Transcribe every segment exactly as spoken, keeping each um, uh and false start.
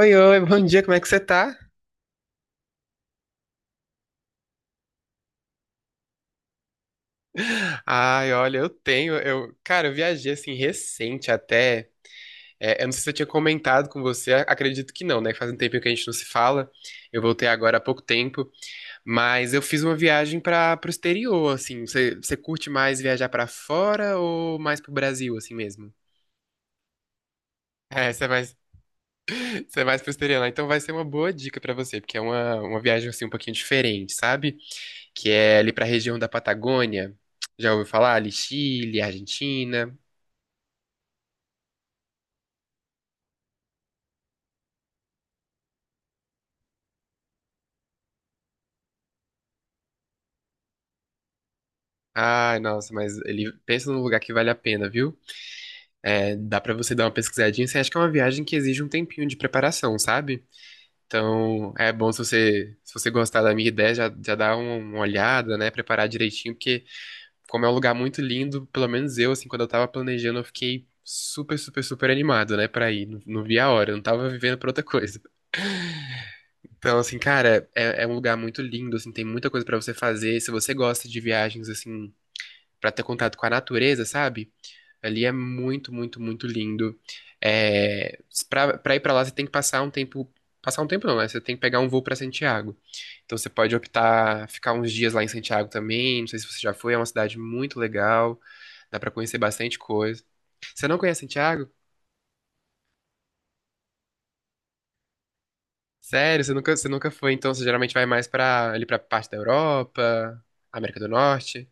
Oi, oi, bom dia, como é que você tá? Ai, olha, eu tenho, eu, cara, eu viajei assim recente até. É, eu não sei se eu tinha comentado com você, a- acredito que não, né? Faz um tempinho que a gente não se fala. Eu voltei agora há pouco tempo, mas eu fiz uma viagem para pro exterior, assim. Você, você curte mais viajar para fora ou mais pro Brasil, assim mesmo? É, você é mais, Você é mais pro exterior, né? Então vai ser uma boa dica para você, porque é uma, uma viagem assim um pouquinho diferente, sabe? Que é ali para a região da Patagônia. Já ouviu falar? Ali Chile, Argentina. Ai, nossa, mas ele pensa num lugar que vale a pena, viu? É, dá para você dar uma pesquisadinha. Você acha que é uma viagem que exige um tempinho de preparação, sabe? Então, é bom se você, se você gostar da minha ideia, já, já dá um- uma olhada, né? Preparar direitinho, porque como é um lugar muito lindo, pelo menos eu, assim, quando eu tava planejando, eu fiquei super, super, super animado, né, pra ir. Não, não vi a hora, eu não tava vivendo pra outra coisa. Então, assim, cara, é, é um lugar muito lindo, assim, tem muita coisa pra você fazer. Se você gosta de viagens, assim, pra ter contato com a natureza, sabe? Ali é muito, muito, muito lindo. É, pra, pra ir pra lá, você tem que passar um tempo. Passar um tempo não, né? Você tem que pegar um voo pra Santiago. Então você pode optar ficar uns dias lá em Santiago também. Não sei se você já foi, é uma cidade muito legal. Dá pra conhecer bastante coisa. Você não conhece Santiago? Sério, você nunca, você nunca foi, então você geralmente vai mais pra, ali pra parte da Europa, América do Norte.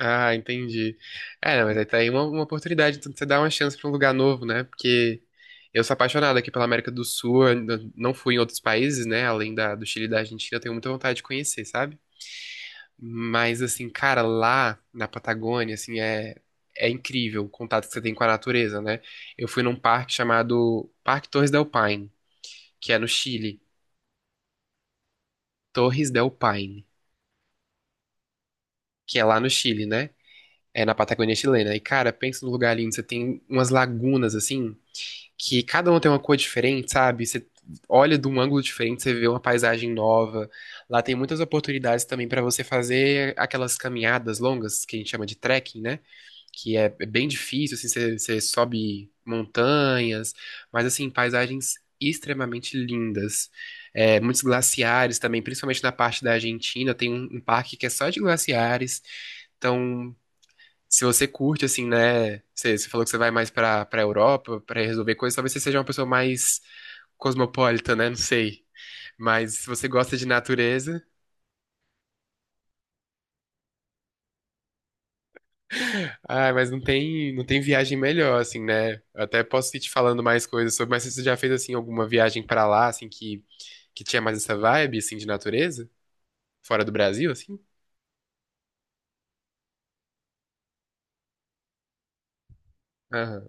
Ah, entendi. É, mas aí tá aí uma, uma oportunidade, então de você dá uma chance pra um lugar novo, né? Porque eu sou apaixonado aqui pela América do Sul, eu ainda não fui em outros países, né? Além da, do Chile e da Argentina, eu tenho muita vontade de conhecer, sabe? Mas, assim, cara, lá na Patagônia, assim, é, é incrível o contato que você tem com a natureza, né? Eu fui num parque chamado Parque Torres del Paine, que é no Chile. Torres del Paine, que é lá no Chile, né? É na Patagônia chilena. E, cara, pensa no lugar lindo. Você tem umas lagunas, assim, que cada uma tem uma cor diferente, sabe? Você olha de um ângulo diferente, você vê uma paisagem nova. Lá tem muitas oportunidades também para você fazer aquelas caminhadas longas que a gente chama de trekking, né? Que é é bem difícil, assim, você, você sobe montanhas, mas assim, paisagens extremamente lindas. É, muitos glaciares também, principalmente na parte da Argentina, tem um, um parque que é só de glaciares. Então, se você curte, assim, né? Você, você falou que você vai mais pra, pra Europa pra resolver coisas, talvez você seja uma pessoa mais cosmopolita, né? Não sei. Mas se você gosta de natureza, ah, mas não tem, não tem viagem melhor, assim, né? Eu até posso ir te falando mais coisas sobre, mas você já fez, assim, alguma viagem pra lá, assim, que, que tinha mais essa vibe, assim, de natureza? Fora do Brasil, assim? Aham.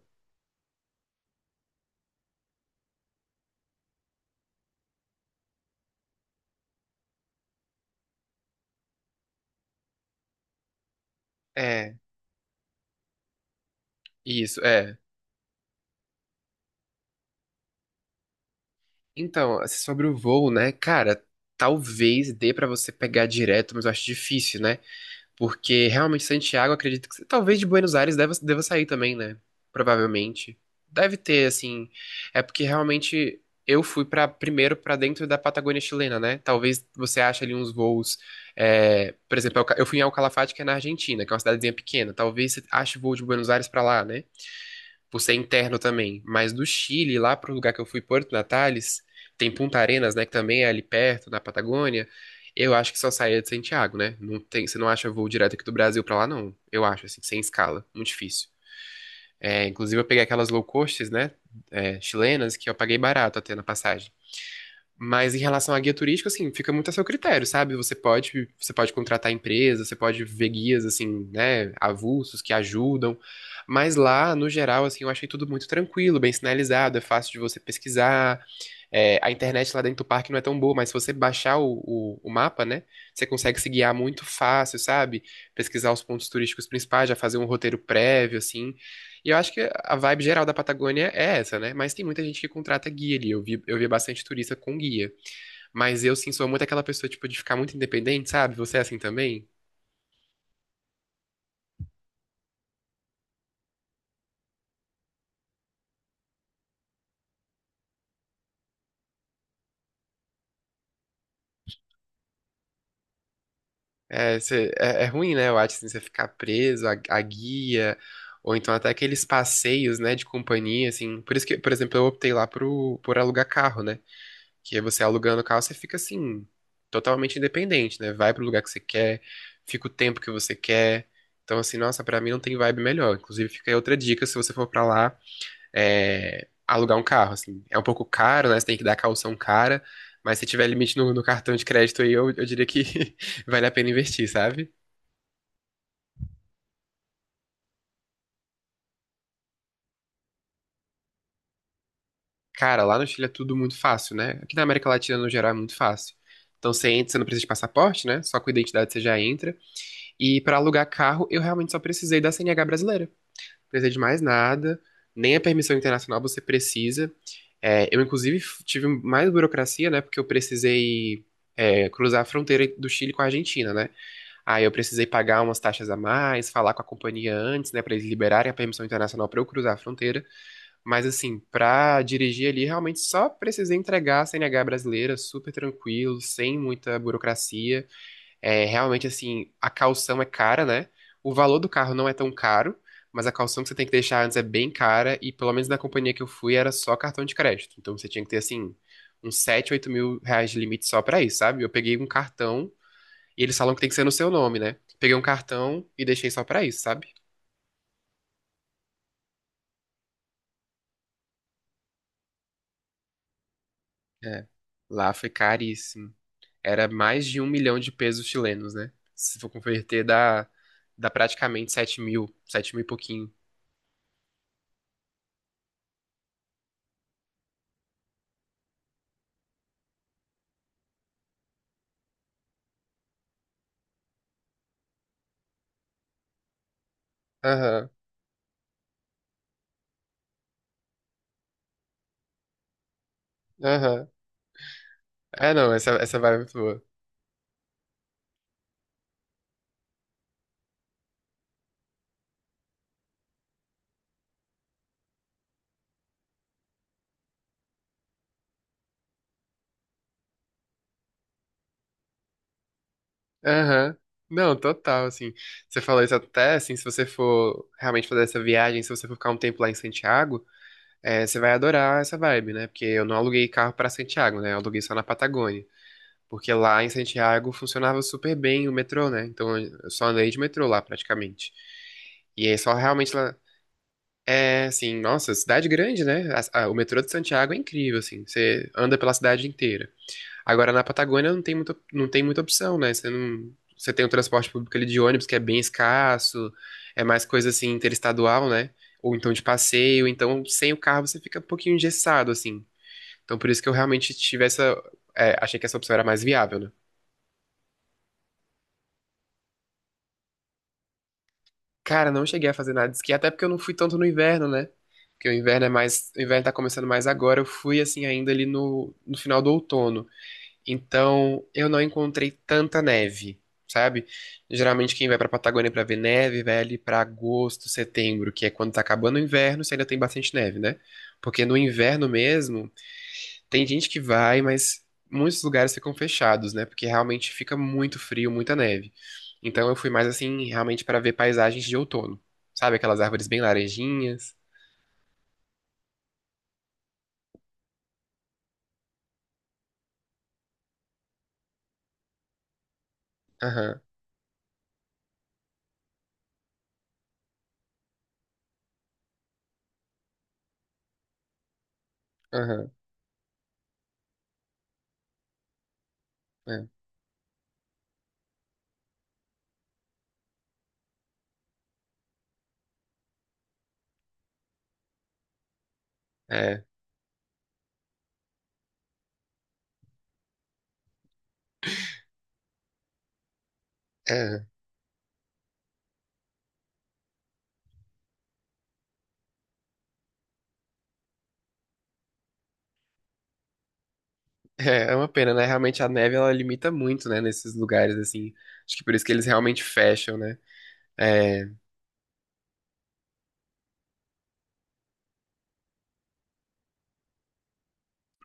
É, isso, é. Então, assim, sobre o voo, né? Cara, talvez dê pra você pegar direto, mas eu acho difícil, né? Porque realmente Santiago, acredito que talvez de Buenos Aires deva, deva sair também, né? Provavelmente. Deve ter, assim. É porque realmente eu fui para primeiro para dentro da Patagônia chilena, né? Talvez você ache ali uns voos. É, por exemplo, eu ca- eu fui em Alcalafate, que é na Argentina, que é uma cidadezinha pequena. Talvez você ache voo de Buenos Aires para lá, né? Por ser interno também. Mas do Chile, lá pro lugar que eu fui, Porto Natales, tem Punta Arenas, né? Que também é ali perto, na Patagônia. Eu acho que só saía de Santiago, né? Não tem, você não acha voo direto aqui do Brasil pra lá, não. Eu acho, assim, sem escala. Muito difícil. É, inclusive, eu peguei aquelas low costs, né? É, chilenas, que eu paguei barato até na passagem. Mas em relação à guia turística, assim, fica muito a seu critério, sabe? Você pode, você pode contratar empresas, você pode ver guias, assim, né, avulsos que ajudam. Mas lá, no geral, assim, eu achei tudo muito tranquilo, bem sinalizado, é fácil de você pesquisar. É, a internet lá dentro do parque não é tão boa, mas se você baixar o, o, o mapa, né, você consegue se guiar muito fácil, sabe? Pesquisar os pontos turísticos principais, já fazer um roteiro prévio, assim. E eu acho que a vibe geral da Patagônia é essa, né? Mas tem muita gente que contrata guia ali. Eu vi, eu vi bastante turista com guia. Mas eu, sim, sou muito aquela pessoa, tipo, de ficar muito independente, sabe? Você é assim também? É, cê- é, é ruim, né? Eu acho, assim, você ficar preso à, à guia, ou então até aqueles passeios, né, de companhia, assim. Por isso que, por exemplo, eu optei lá pro, por alugar carro, né? Que aí você alugando o carro, você fica, assim, totalmente independente, né? Vai pro lugar que você quer, fica o tempo que você quer. Então, assim, nossa, pra mim não tem vibe melhor. Inclusive, fica aí outra dica, se você for pra lá, é, alugar um carro, assim. É um pouco caro, né? Você tem que dar caução cara, mas se tiver limite no, no cartão de crédito aí, eu, eu diria que vale a pena investir, sabe? Cara, lá no Chile é tudo muito fácil, né? Aqui na América Latina, no geral, é muito fácil. Então você entra, você não precisa de passaporte, né? Só com identidade você já entra. E pra alugar carro, eu realmente só precisei da C N H brasileira. Não precisei de mais nada, nem a permissão internacional você precisa. É, eu, inclusive, f- tive mais burocracia, né? Porque eu precisei, é, cruzar a fronteira do Chile com a Argentina, né? Aí eu precisei pagar umas taxas a mais, falar com a companhia antes, né, pra eles liberarem a permissão internacional pra eu cruzar a fronteira. Mas assim, pra dirigir ali, realmente só precisei entregar a C N H brasileira, super tranquilo, sem muita burocracia. É, realmente assim, a caução é cara, né? O valor do carro não é tão caro, mas a caução que você tem que deixar antes é bem cara e pelo menos na companhia que eu fui era só cartão de crédito. Então você tinha que ter assim uns sete, oito mil reais de limite só pra isso, sabe? Eu peguei um cartão e eles falam que tem que ser no seu nome, né? Peguei um cartão e deixei só pra isso, sabe? É. Lá foi caríssimo. Era mais de um milhão de pesos chilenos, né? Se for converter, dá, dá praticamente sete mil, sete mil e pouquinho. Aham, aham. É, não, essa, essa vibe é muito boa. Aham. Não, total, assim. Você, falou isso até, assim, se você for realmente fazer essa viagem, se você for ficar um tempo lá em Santiago, é, você vai adorar essa vibe, né? Porque eu não aluguei carro pra Santiago, né? Eu aluguei só na Patagônia. Porque lá em Santiago funcionava super bem o metrô, né? Então eu só andei de metrô lá praticamente. E aí só realmente lá. É assim, nossa, cidade grande, né? A- a- o metrô de Santiago é incrível, assim. Você anda pela cidade inteira. Agora na Patagônia não tem muita, não tem muita opção, né? Você não, você tem o transporte público ali de ônibus que é bem escasso, é mais coisa assim interestadual, né? Ou então de passeio, então sem o carro você fica um pouquinho engessado, assim. Então por isso que eu realmente tive essa, é, achei que essa opção era mais viável, né? Cara, não cheguei a fazer nada de esqui, até porque eu não fui tanto no inverno, né? Porque o inverno é mais, o inverno tá começando mais agora. Eu fui assim ainda ali no, no final do outono. Então, eu não encontrei tanta neve, sabe? Geralmente quem vai pra Patagônia pra ver neve, vai ali pra agosto, setembro, que é quando tá acabando o inverno, se ainda tem bastante neve, né? Porque no inverno mesmo, tem gente que vai, mas muitos lugares ficam fechados, né? Porque realmente fica muito frio, muita neve. Então eu fui mais assim, realmente para ver paisagens de outono. Sabe aquelas árvores bem laranjinhas? Aham, aham, é, é, é. É é uma pena, né? Realmente a neve ela limita muito, né? Nesses lugares assim. Acho que por isso que eles realmente fecham, né? É.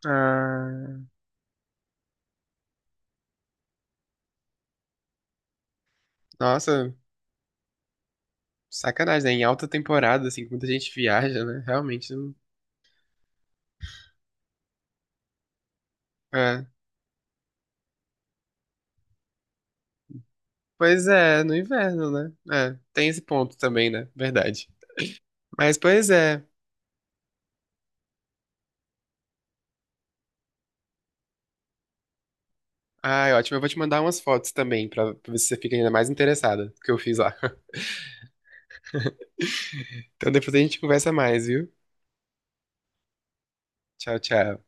Ah, nossa, sacanagem, né? Em alta temporada, assim, que muita gente viaja, né? Realmente não. É. Pois é, no inverno, né? É, tem esse ponto também, né? Verdade. Mas pois é. Ai, ótimo. Eu vou te mandar umas fotos também, pra, pra ver se você fica ainda mais interessada do que eu fiz lá. Então depois a gente conversa mais, viu? Tchau, tchau.